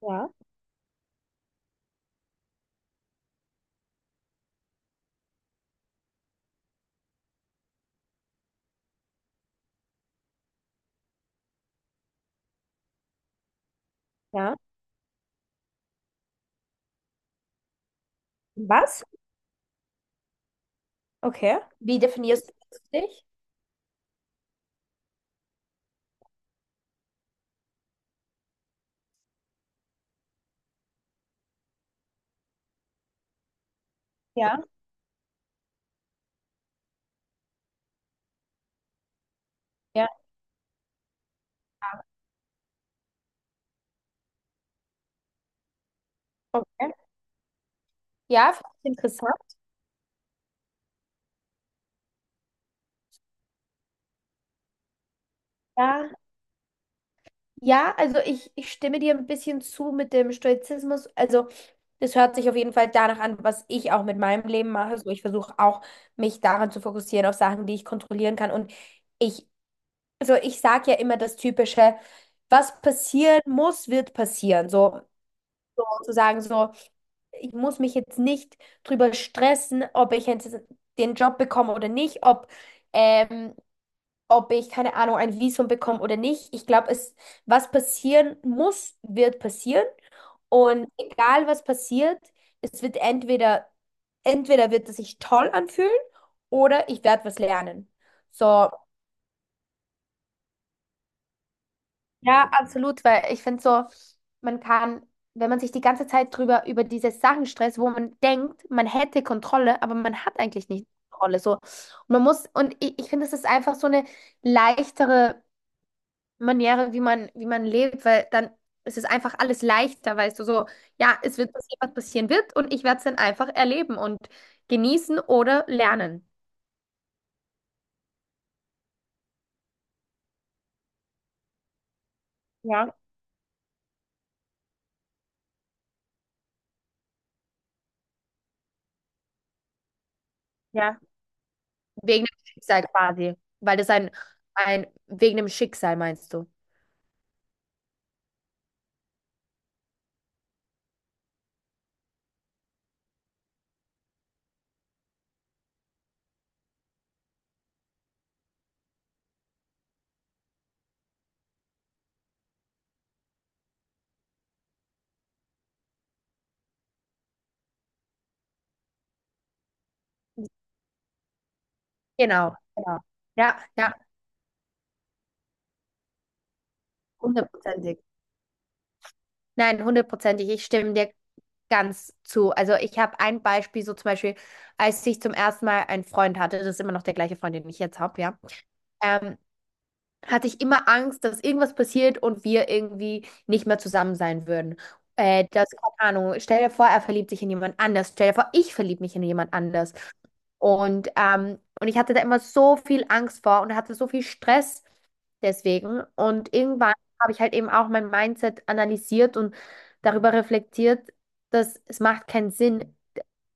Ja, ja. Was? Okay. Wie definierst du dich? Ja, ja, okay. Ja, finde ich interessant. Ja, ja, also ich stimme dir ein bisschen zu mit dem Stoizismus. Also das hört sich auf jeden Fall danach an, was ich auch mit meinem Leben mache. So, ich versuche auch, mich daran zu fokussieren, auf Sachen, die ich kontrollieren kann. Und ich, also ich sage ja immer das Typische, was passieren muss, wird passieren. So zu sagen, so. Ich muss mich jetzt nicht drüber stressen, ob ich jetzt den Job bekomme oder nicht, ob, ähm, ob ich, keine Ahnung, ein Visum bekomme oder nicht. Ich glaube, es, was passieren muss, wird passieren. Und egal was passiert, es wird entweder, entweder wird es sich toll anfühlen oder ich werde was lernen. So, ja, absolut, weil ich finde so, man kann, wenn man sich die ganze Zeit drüber über diese Sachen stresst, wo man denkt, man hätte Kontrolle, aber man hat eigentlich nicht Kontrolle. So. Und man muss, und ich finde, es ist einfach so eine leichtere Maniere, wie man lebt, weil dann ist es einfach alles leichter, weißt du, so, ja, es wird passieren, was passieren wird, und ich werde es dann einfach erleben und genießen oder lernen. Ja, ja. Wegen dem Schicksal quasi. Weil das ein, wegen dem Schicksal meinst du. Genau, genau. Ja, ja, hundertprozentig. Nein, hundertprozentig. Ich stimme dir ganz zu. Also ich habe ein Beispiel, so zum Beispiel, als ich zum ersten Mal einen Freund hatte, das ist immer noch der gleiche Freund, den ich jetzt habe, ja. Ähm, hatte ich immer Angst, dass irgendwas passiert und wir irgendwie nicht mehr zusammen sein würden. Das, keine Ahnung, stell dir vor, er verliebt sich in jemand anders. Stell dir vor, ich verliebe mich in jemand anders. Und ich hatte da immer so viel Angst vor und hatte so viel Stress deswegen. Und irgendwann habe ich halt eben auch mein Mindset analysiert und darüber reflektiert, dass es macht keinen Sinn,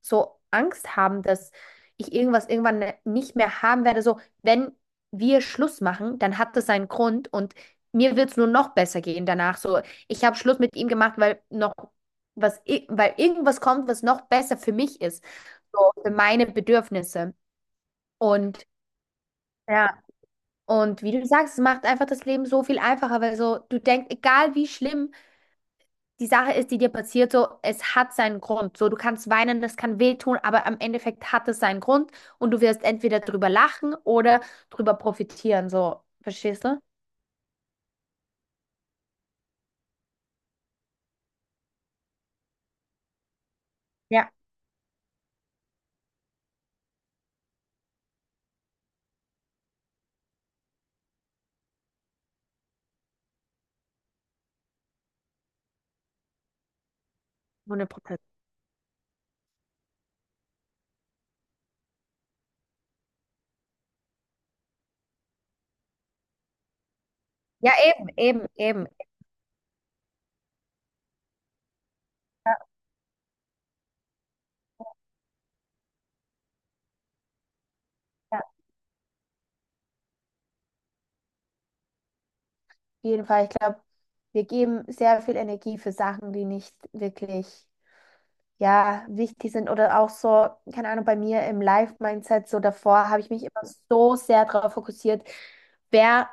so Angst haben, dass ich irgendwas irgendwann nicht mehr haben werde. So, wenn wir Schluss machen, dann hat das seinen Grund und mir wird es nur noch besser gehen danach. So, ich habe Schluss mit ihm gemacht, weil noch weil irgendwas kommt, was noch besser für mich ist, so für meine Bedürfnisse. Und ja, und wie du sagst, es macht einfach das Leben so viel einfacher, weil so du denkst, egal wie schlimm die Sache ist, die dir passiert, so es hat seinen Grund. So, du kannst weinen, das kann wehtun, aber am Endeffekt hat es seinen Grund und du wirst entweder drüber lachen oder drüber profitieren. So, verstehst du? Ja. 100%. Ja, eben, eben, eben. Ja, auf jeden Fall. Ich glaube, wir geben sehr viel Energie für Sachen, die nicht wirklich, ja, wichtig sind. Oder auch so, keine Ahnung, bei mir im Life-Mindset, so davor habe ich mich immer so sehr darauf fokussiert, wer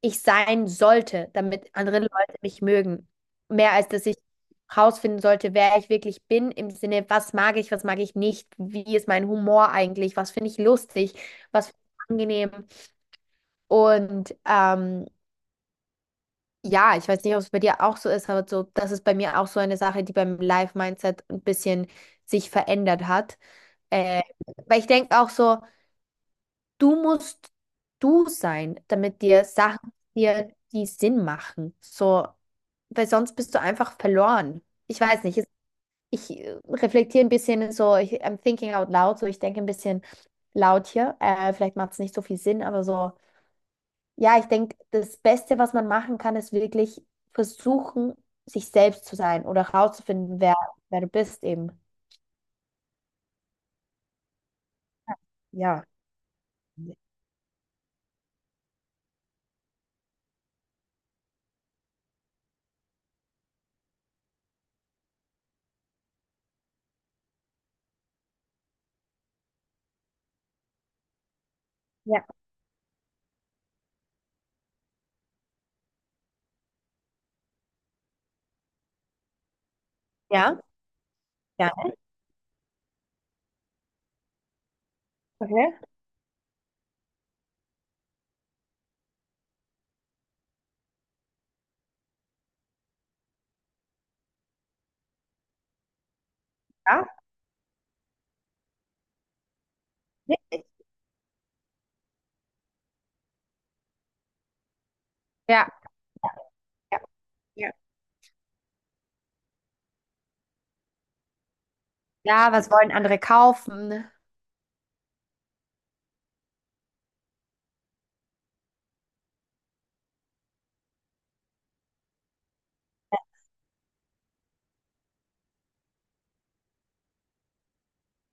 ich sein sollte, damit andere Leute mich mögen. Mehr als dass ich rausfinden sollte, wer ich wirklich bin, im Sinne, was mag ich nicht, wie ist mein Humor eigentlich, was finde ich lustig, was finde ich angenehm. Und ja, ich weiß nicht, ob es bei dir auch so ist, aber so, das ist bei mir auch so eine Sache, die beim Life-Mindset ein bisschen sich verändert hat. Äh, weil ich denke auch so, du musst du sein, damit dir Sachen dir die Sinn machen. So, weil sonst bist du einfach verloren. Ich weiß nicht, ich reflektiere ein bisschen so, ich, I'm thinking out loud, so ich denke ein bisschen laut hier. Vielleicht macht es nicht so viel Sinn, aber so. Ja, ich denke, das Beste, was man machen kann, ist wirklich versuchen, sich selbst zu sein oder herauszufinden, wer, wer du bist eben. Ja. Ja, ja, ja, okay. Ja, richtig. Ja, ja, ja. Ja, was wollen andere kaufen?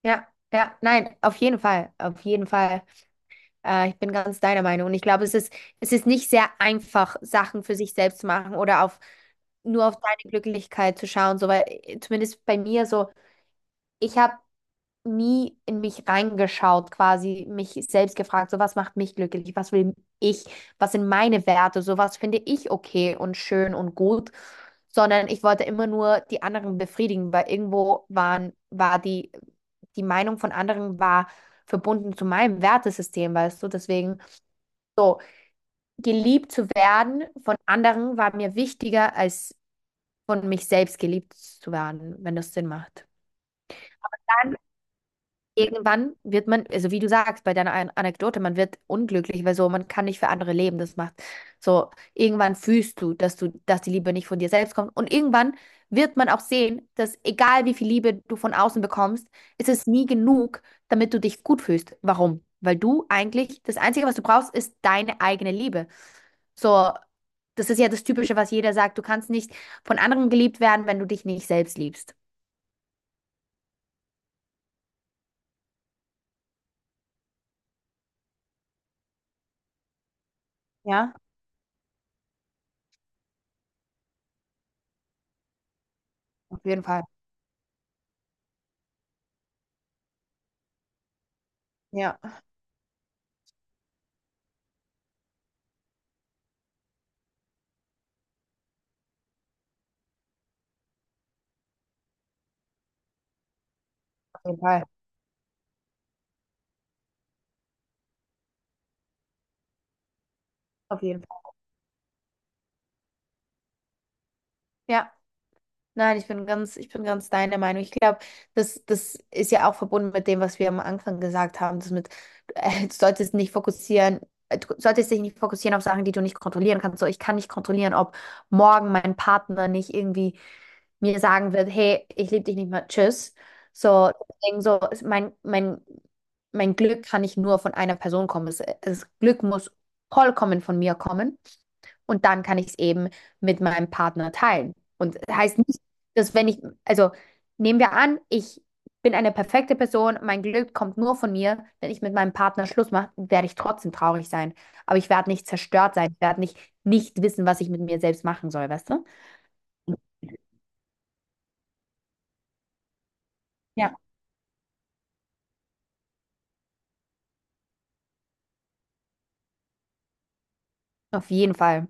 Ja, ja, nein, auf jeden Fall, auf jeden Fall. Ich bin ganz deiner Meinung und ich glaube, es ist nicht sehr einfach, Sachen für sich selbst zu machen oder auf nur auf deine Glücklichkeit zu schauen, so weil zumindest bei mir so, ich habe nie in mich reingeschaut, quasi mich selbst gefragt, so was macht mich glücklich, was will ich, was sind meine Werte, so was finde ich okay und schön und gut, sondern ich wollte immer nur die anderen befriedigen, weil irgendwo waren, war die, die Meinung von anderen war verbunden zu meinem Wertesystem, weißt du, deswegen so geliebt zu werden von anderen war mir wichtiger als von mich selbst geliebt zu werden, wenn das Sinn macht. Irgendwann wird man, also wie du sagst, bei deiner Anekdote, man wird unglücklich, weil so, man kann nicht für andere leben. Das macht so, irgendwann fühlst du, dass die Liebe nicht von dir selbst kommt. Und irgendwann wird man auch sehen, dass egal wie viel Liebe du von außen bekommst, ist es nie genug, damit du dich gut fühlst. Warum? Weil du eigentlich, das Einzige, was du brauchst, ist deine eigene Liebe. So, das ist ja das Typische, was jeder sagt. Du kannst nicht von anderen geliebt werden, wenn du dich nicht selbst liebst. Ja, auf jeden Fall. Ja, auf jeden Fall. Auf jeden Fall. Ja. Nein, ich bin ganz deiner Meinung. Ich glaube, das, das ist ja auch verbunden mit dem, was wir am Anfang gesagt haben, das mit, du solltest nicht fokussieren, du solltest dich nicht fokussieren auf Sachen, die du nicht kontrollieren kannst. So, ich kann nicht kontrollieren, ob morgen mein Partner nicht irgendwie mir sagen wird, hey, ich liebe dich nicht mehr, tschüss. So, deswegen so, ist mein, mein, mein Glück kann nicht nur von einer Person kommen. Es, Glück muss vollkommen von mir kommen. Und dann kann ich es eben mit meinem Partner teilen. Und das heißt nicht, dass wenn ich, also nehmen wir an, ich bin eine perfekte Person, mein Glück kommt nur von mir. Wenn ich mit meinem Partner Schluss mache, werde ich trotzdem traurig sein. Aber ich werde nicht zerstört sein, ich werde nicht, nicht wissen, was ich mit mir selbst machen soll, weißt du? Ja. Auf jeden Fall.